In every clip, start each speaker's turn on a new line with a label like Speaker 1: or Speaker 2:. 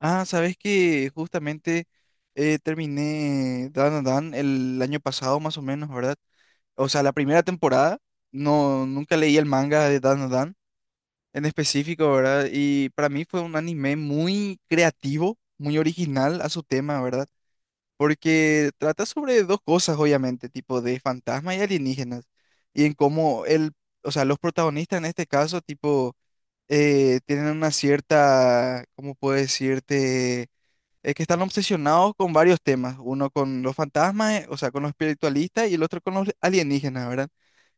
Speaker 1: Ah, sabes que justamente terminé Dan a Dan el año pasado más o menos, ¿verdad? O sea, la primera temporada, no, nunca leí el manga de Dan a Dan en específico, ¿verdad? Y para mí fue un anime muy creativo, muy original a su tema, ¿verdad? Porque trata sobre dos cosas, obviamente, tipo de fantasmas y alienígenas, y en cómo el, o sea, los protagonistas en este caso, tipo, tienen una cierta, ¿cómo puedo decirte? Es que están obsesionados con varios temas, uno con los fantasmas, o sea, con los espiritualistas y el otro con los alienígenas, ¿verdad?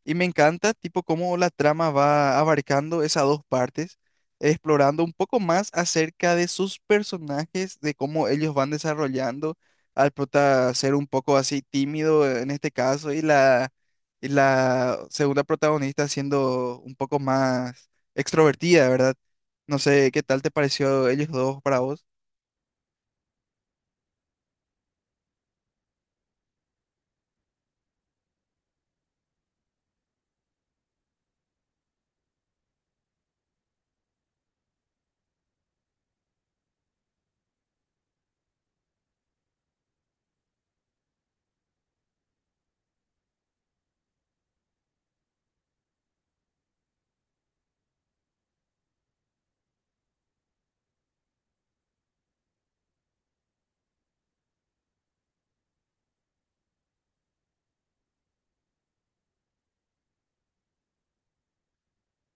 Speaker 1: Y me encanta, tipo, cómo la trama va abarcando esas dos partes, explorando un poco más acerca de sus personajes, de cómo ellos van desarrollando al prota ser un poco así tímido en este caso y y la segunda protagonista siendo un poco más extrovertida, ¿verdad? No sé, ¿qué tal te pareció ellos dos para vos?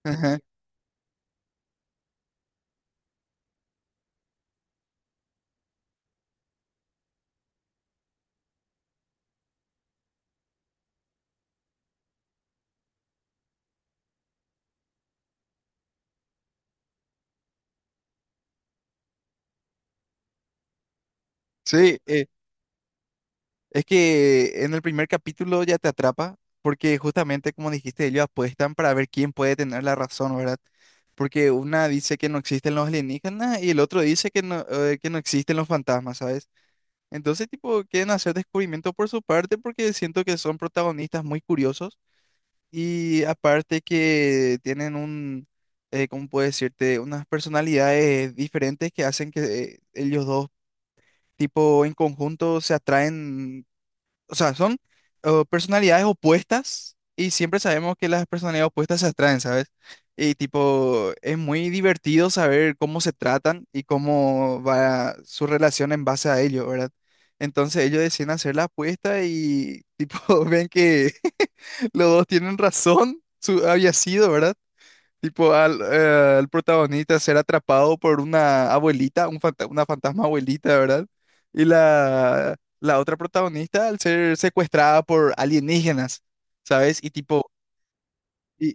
Speaker 1: Sí, es que en el primer capítulo ya te atrapa, porque justamente como dijiste, ellos apuestan para ver quién puede tener la razón, ¿verdad? Porque una dice que no existen los alienígenas y el otro dice que no existen los fantasmas, ¿sabes? Entonces, tipo, quieren hacer descubrimiento por su parte porque siento que son protagonistas muy curiosos y aparte que tienen un, ¿cómo puedo decirte? Unas personalidades diferentes que hacen que ellos dos, tipo, en conjunto se atraen, o sea, son personalidades opuestas y siempre sabemos que las personalidades opuestas se atraen, ¿sabes? Y tipo, es muy divertido saber cómo se tratan y cómo va su relación en base a ello, ¿verdad? Entonces ellos deciden hacer la apuesta y tipo ven que los dos tienen razón, su, había sido, ¿verdad? Tipo, al, al protagonista ser atrapado por una abuelita, una fantasma abuelita, ¿verdad? Y la otra protagonista al ser secuestrada por alienígenas, ¿sabes? Y tipo, y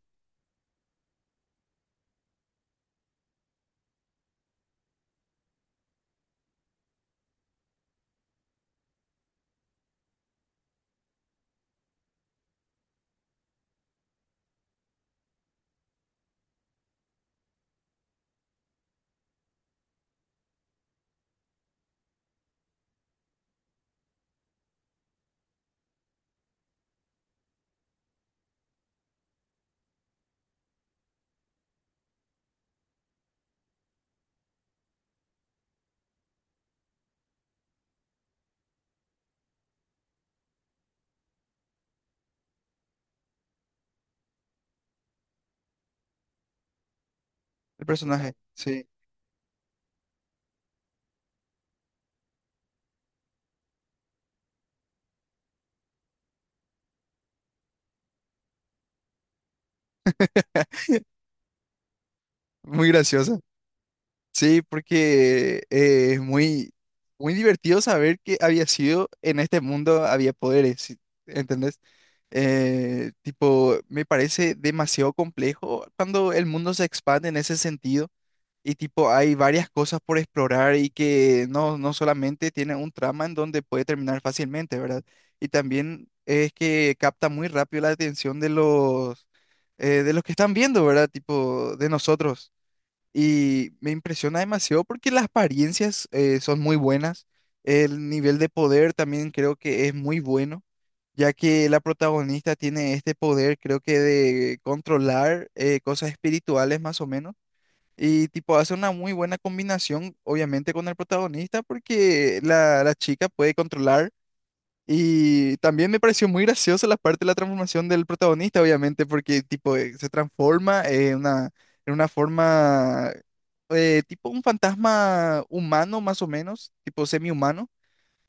Speaker 1: el personaje, sí, muy graciosa. Sí, porque es muy, muy divertido saber que había sido en este mundo, había poderes, ¿sí? ¿Entendés? Tipo, me parece demasiado complejo cuando el mundo se expande en ese sentido. Y tipo, hay varias cosas por explorar y que no, no solamente tiene un trama en donde puede terminar fácilmente, ¿verdad? Y también es que capta muy rápido la atención de los que están viendo, ¿verdad? Tipo, de nosotros. Y me impresiona demasiado porque las apariencias son muy buenas. El nivel de poder también creo que es muy bueno, ya que la protagonista tiene este poder, creo que de controlar cosas espirituales más o menos y tipo hace una muy buena combinación, obviamente, con el protagonista, porque la chica puede controlar. Y también me pareció muy graciosa la parte de la transformación del protagonista, obviamente, porque tipo se transforma en una forma, tipo un fantasma humano, más o menos, tipo semi-humano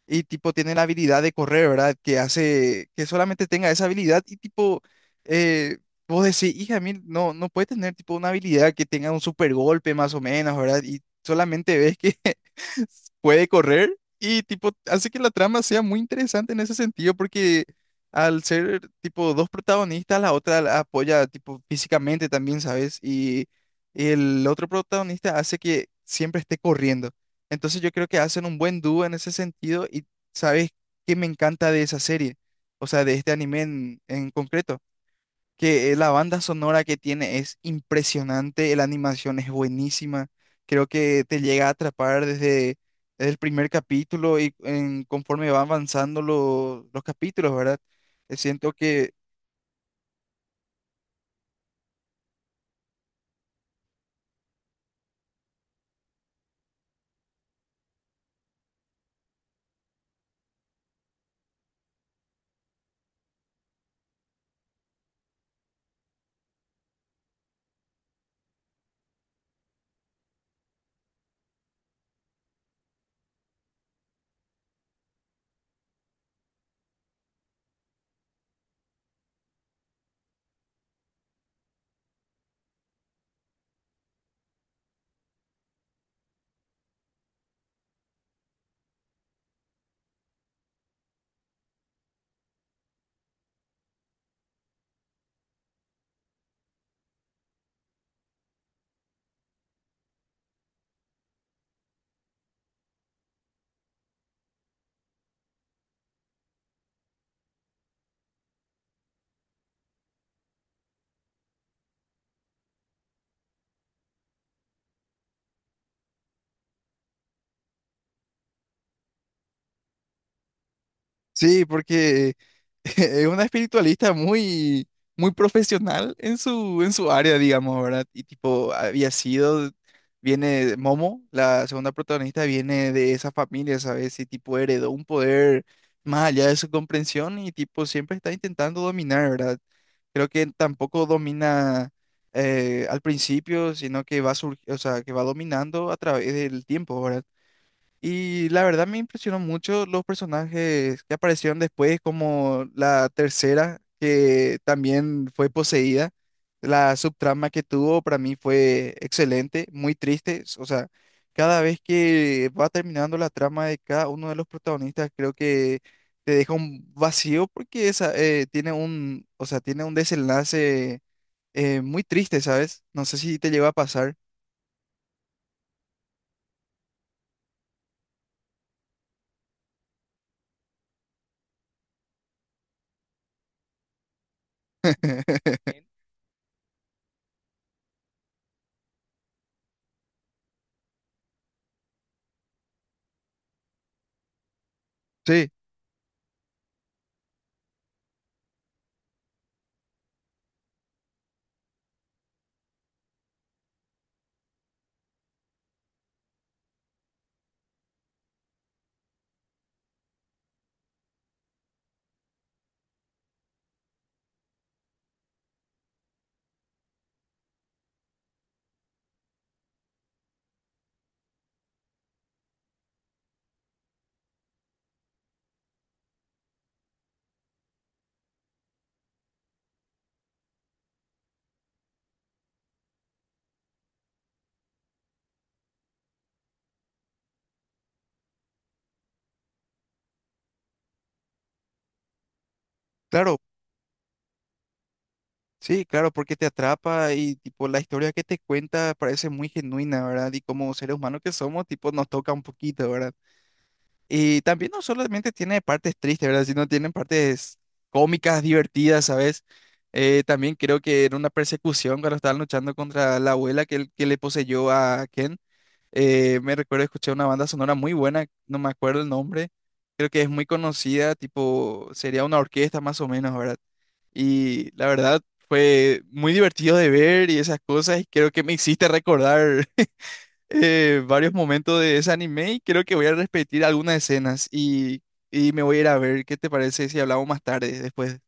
Speaker 1: y tipo tiene la habilidad de correr, ¿verdad? Que hace que solamente tenga esa habilidad y tipo, eh, vos decís, hija, mil, no, no puede tener tipo una habilidad que tenga un super golpe más o menos, ¿verdad? Y solamente ves que puede correr y tipo hace que la trama sea muy interesante en ese sentido porque al ser tipo dos protagonistas, la otra la apoya tipo físicamente también, ¿sabes? Y el otro protagonista hace que siempre esté corriendo. Entonces yo creo que hacen un buen dúo en ese sentido y sabes qué me encanta de esa serie, o sea, de este anime en concreto, que la banda sonora que tiene es impresionante, la animación es buenísima, creo que te llega a atrapar desde, desde el primer capítulo y conforme van avanzando los capítulos, ¿verdad? Siento que sí, porque… Es una espiritualista muy, muy profesional en su área, digamos, ¿verdad? Y tipo, había sido, viene Momo, la segunda protagonista, viene de esa familia, ¿sabes? Y tipo, heredó un poder más allá de su comprensión y tipo, siempre está intentando dominar, ¿verdad? Creo que tampoco domina al principio, sino que o sea, que va dominando a través del tiempo, ¿verdad? Y la verdad me impresionó mucho los personajes que aparecieron después, como la tercera, que también fue poseída. La subtrama que tuvo para mí fue excelente, muy triste. O sea, cada vez que va terminando la trama de cada uno de los protagonistas, creo que te deja un vacío porque esa, tiene un, o sea, tiene un desenlace muy triste, ¿sabes? No sé si te llegó a pasar. Sí, claro, sí, claro, porque te atrapa y tipo la historia que te cuenta parece muy genuina, ¿verdad? Y como seres humanos que somos, tipo nos toca un poquito, ¿verdad? Y también no solamente tiene partes tristes, ¿verdad? Sino tienen partes cómicas, divertidas, ¿sabes? También creo que era una persecución cuando estaban luchando contra la abuela que, que le poseyó a Ken. Me recuerdo escuché una banda sonora muy buena, no me acuerdo el nombre. Creo que es muy conocida, tipo sería una orquesta más o menos, ¿verdad? Y la verdad fue muy divertido de ver y esas cosas. Y creo que me hiciste recordar varios momentos de ese anime y creo que voy a repetir algunas escenas y me voy a ir a ver qué te parece si hablamos más tarde después.